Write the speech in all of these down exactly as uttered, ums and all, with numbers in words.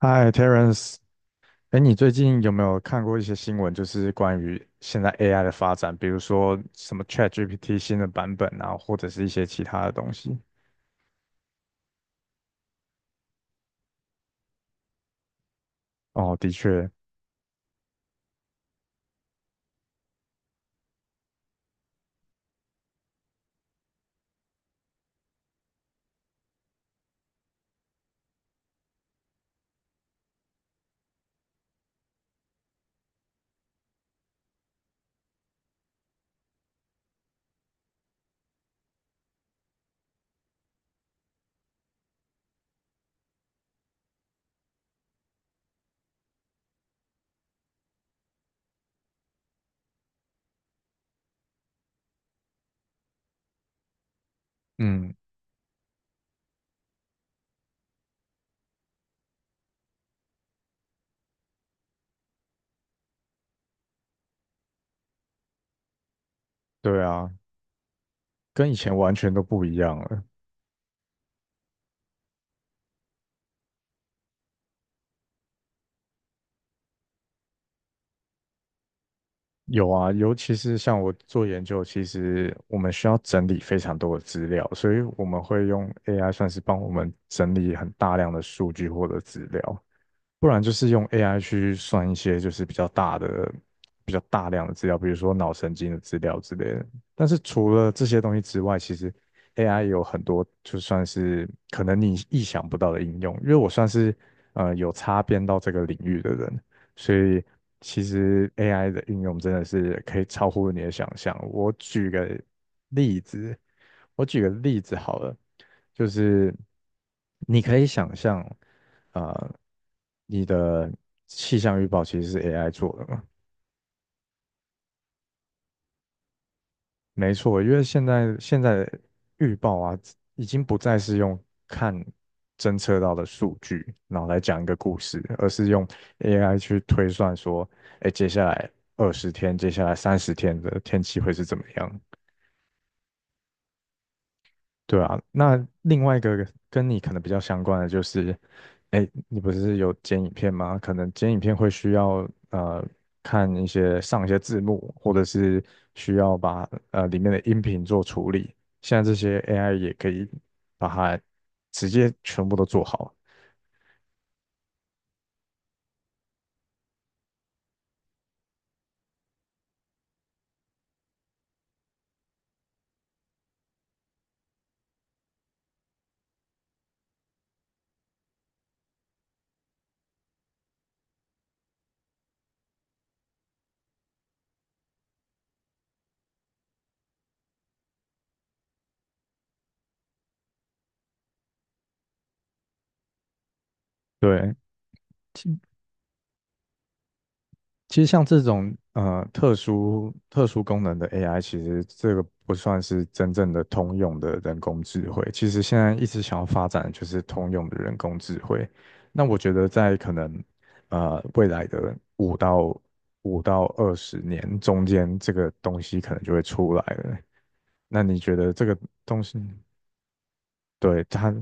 嗨，Terence，哎，你最近有没有看过一些新闻，就是关于现在 A I 的发展，比如说什么 ChatGPT 新的版本啊，或者是一些其他的东西？哦，的确，嗯，对啊，跟以前完全都不一样了。有啊，尤其是像我做研究，其实我们需要整理非常多的资料，所以我们会用 A I 算是帮我们整理很大量的数据或者资料。不然就是用 A I 去算一些就是比较大的、比较大量的资料，比如说脑神经的资料之类的。但是除了这些东西之外，其实 A I 有很多就算是可能你意想不到的应用。因为我算是呃有擦边到这个领域的人，所以其实 A I 的应用真的是可以超乎你的想象。我举个例子，我举个例子好了，就是你可以想象。呃，你的气象预报其实是 A I 做的嘛？没错，因为现在现在的预报啊，已经不再是用看侦测到的数据，然后来讲一个故事，而是用 A I 去推算说，哎，接下来二十天，接下来三十天的天气会是怎么样？对啊，那另外一个跟你可能比较相关的就是，哎，你不是有剪影片吗？可能剪影片会需要呃看一些上一些字幕，或者是需要把呃里面的音频做处理。现在这些 A I 也可以把它直接全部都做好。对，其实像这种呃特殊特殊功能的 A I，其实这个不算是真正的通用的人工智慧。其实现在一直想要发展的就是通用的人工智慧。那我觉得在可能呃未来的五到五到二十年中间，这个东西可能就会出来了。那你觉得这个东西，对，它？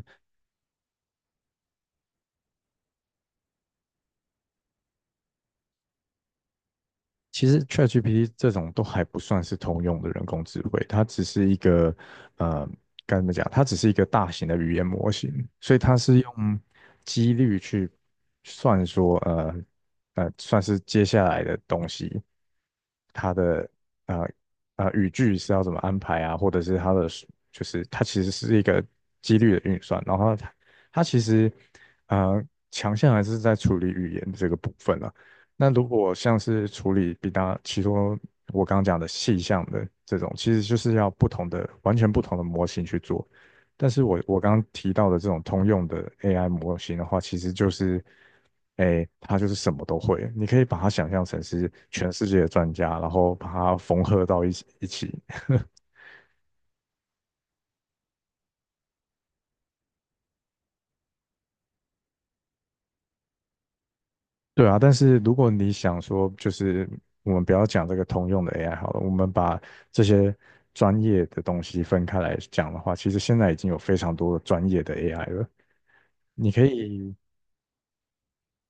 其实 ChatGPT 这种都还不算是通用的人工智慧，它只是一个呃，该怎么讲？它只是一个大型的语言模型，所以它是用几率去算说，呃呃，算是接下来的东西，它的呃呃语句是要怎么安排啊，或者是它的就是它其实是一个几率的运算，然后它它其实呃强项还是在处理语言这个部分了。那如果像是处理比较，其中我刚刚讲的细项的这种，其实就是要不同的、完全不同的模型去做。但是我我刚刚提到的这种通用的 A I 模型的话，其实就是，哎，它就是什么都会。你可以把它想象成是全世界的专家，然后把它缝合到一起一起。对啊，但是如果你想说，就是我们不要讲这个通用的 A I 好了，我们把这些专业的东西分开来讲的话，其实现在已经有非常多的专业的 A I 了。你可以，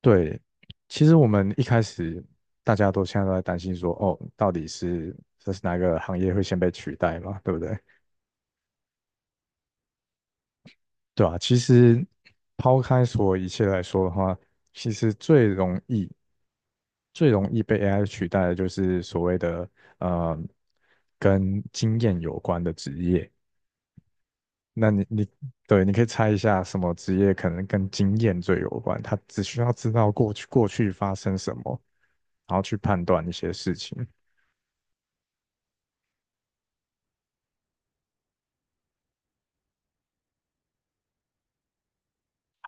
对，其实我们一开始大家都现在都在担心说，哦，到底是这是哪个行业会先被取代嘛，对不对？对啊，其实抛开所有一切来说的话，其实最容易、最容易被 A I 取代的就是所谓的呃跟经验有关的职业。那你你对，你可以猜一下什么职业可能跟经验最有关？他只需要知道过去过去发生什么，然后去判断一些事情。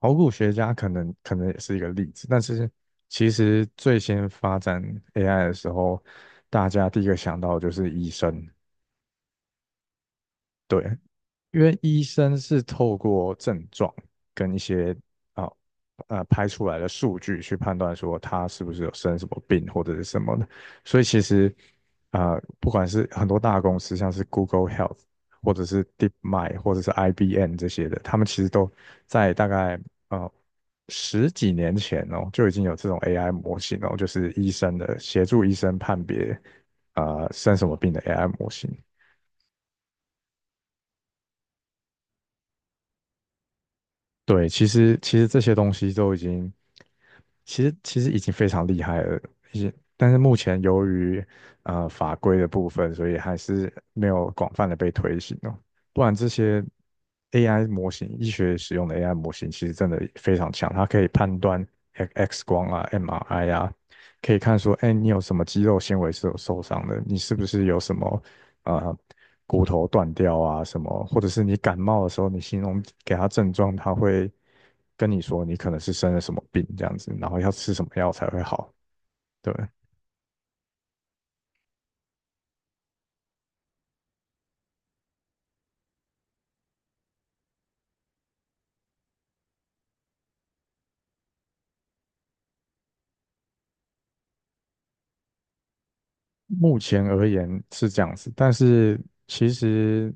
考古学家可能可能也是一个例子，但是其实最先发展 A I 的时候，大家第一个想到的就是医生，对，因为医生是透过症状跟一些啊呃拍出来的数据去判断说他是不是有生什么病或者是什么的，所以其实啊、呃不管是很多大公司，像是 Google Health 或者是 DeepMind 或者是 I B M 这些的，他们其实都在大概呃十几年前哦就已经有这种 A I 模型哦，就是医生的协助医生判别啊生什么病的 A I 模型。对，其实其实这些东西都已经，其实其实已经非常厉害了，已经，但是目前由于呃法规的部分，所以还是没有广泛的被推行哦。不然这些 A I 模型，医学使用的 A I 模型，其实真的非常强，它可以判断 X 光啊、M R I 啊，可以看说，哎，你有什么肌肉纤维是有受伤的，你是不是有什么呃骨头断掉啊什么，或者是你感冒的时候，你形容给它症状，它会跟你说你可能是生了什么病这样子，然后要吃什么药才会好。对，目前而言是这样子，但是其实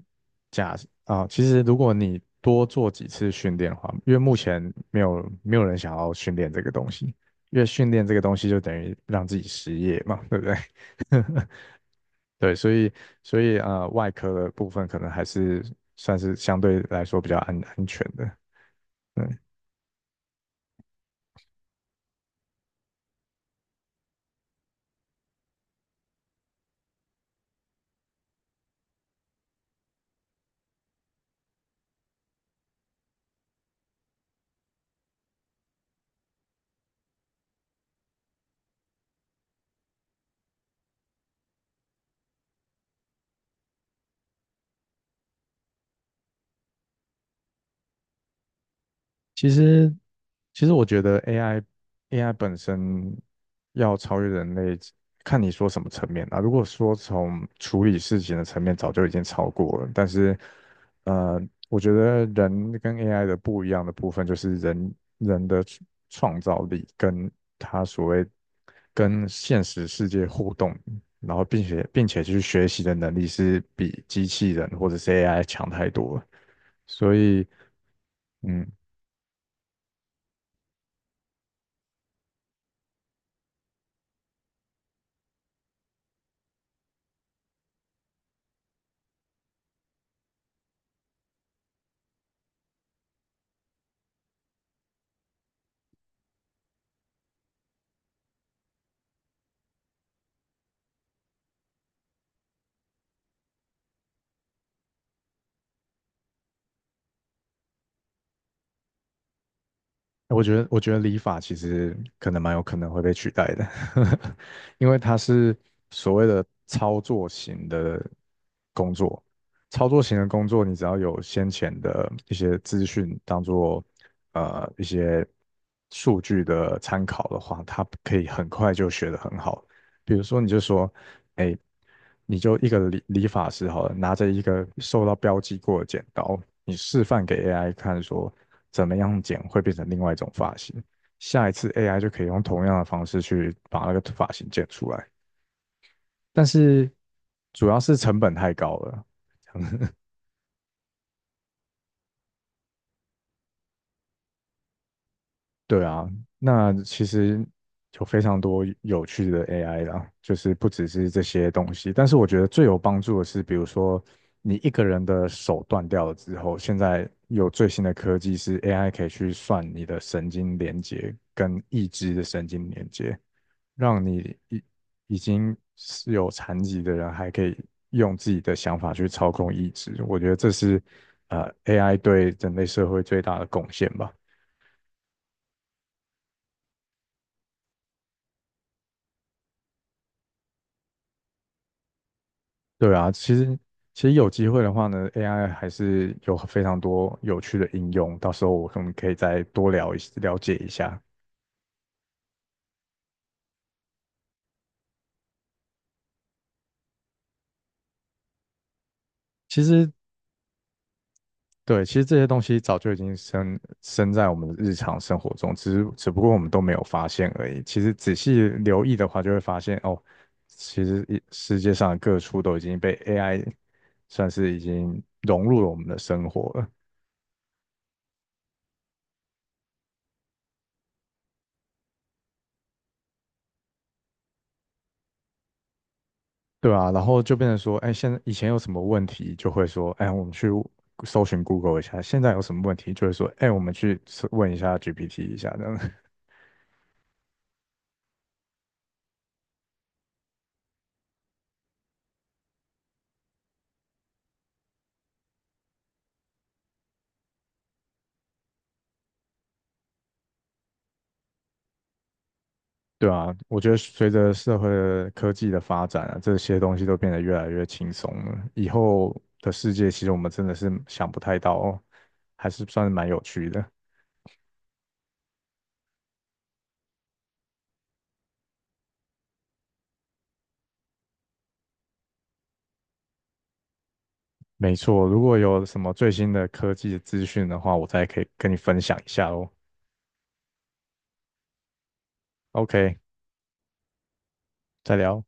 假啊、其实如果你多做几次训练的话，因为目前没有没有人想要训练这个东西，因为训练这个东西就等于让自己失业嘛，对不对？对，所以所以呃，外科的部分可能还是算是相对来说比较安安全的。嗯其实，其实我觉得 A I A I 本身要超越人类，看你说什么层面啊。如果说从处理事情的层面，早就已经超过了。但是，呃，我觉得人跟 A I 的不一样的部分，就是人人的创创造力跟他所谓跟现实世界互动，然后并且并且去学习的能力，是比机器人或者是 A I 强太多了。所以。嗯。我觉得，我觉得理法其实可能蛮有可能会被取代的，因为它是所谓的操作型的工作。操作型的工作，你只要有先前的一些资讯当做呃一些数据的参考的话，它可以很快就学得很好。比如说，你就说哎，你就一个理理发师好了，拿着一个受到标记过的剪刀，你示范给 A I 看，说怎么样剪会变成另外一种发型。下一次 A I 就可以用同样的方式去把那个发型剪出来，但是主要是成本太高了，对啊，那其实有非常多有趣的 A I 啦，就是不只是这些东西，但是我觉得最有帮助的是，比如说你一个人的手断掉了之后，现在有最新的科技是 A I 可以去算你的神经连接跟意志的神经连接，让你已已经是有残疾的人还可以用自己的想法去操控意志，我觉得这是呃 A I 对人类社会最大的贡献吧。对啊，其实其实有机会的话呢，A I 还是有非常多有趣的应用，到时候我们可以再多聊一了解一下。其实对，其实这些东西早就已经深深在我们的日常生活中，只是只不过我们都没有发现而已。其实仔细留意的话，就会发现哦，其实一世界上的各处都已经被 A I 算是已经融入了我们的生活了。对啊，然后就变成说，哎，现在以前有什么问题，就会说，哎，我们去搜寻 Google 一下；现在有什么问题，就会说，哎，我们去搜问一下 G P T 一下，这样。对啊，我觉得随着社会的科技的发展啊，这些东西都变得越来越轻松了。以后的世界，其实我们真的是想不太到哦，还是算是蛮有趣的。没错，如果有什么最新的科技资讯的话，我再可以跟你分享一下哦。OK，再聊。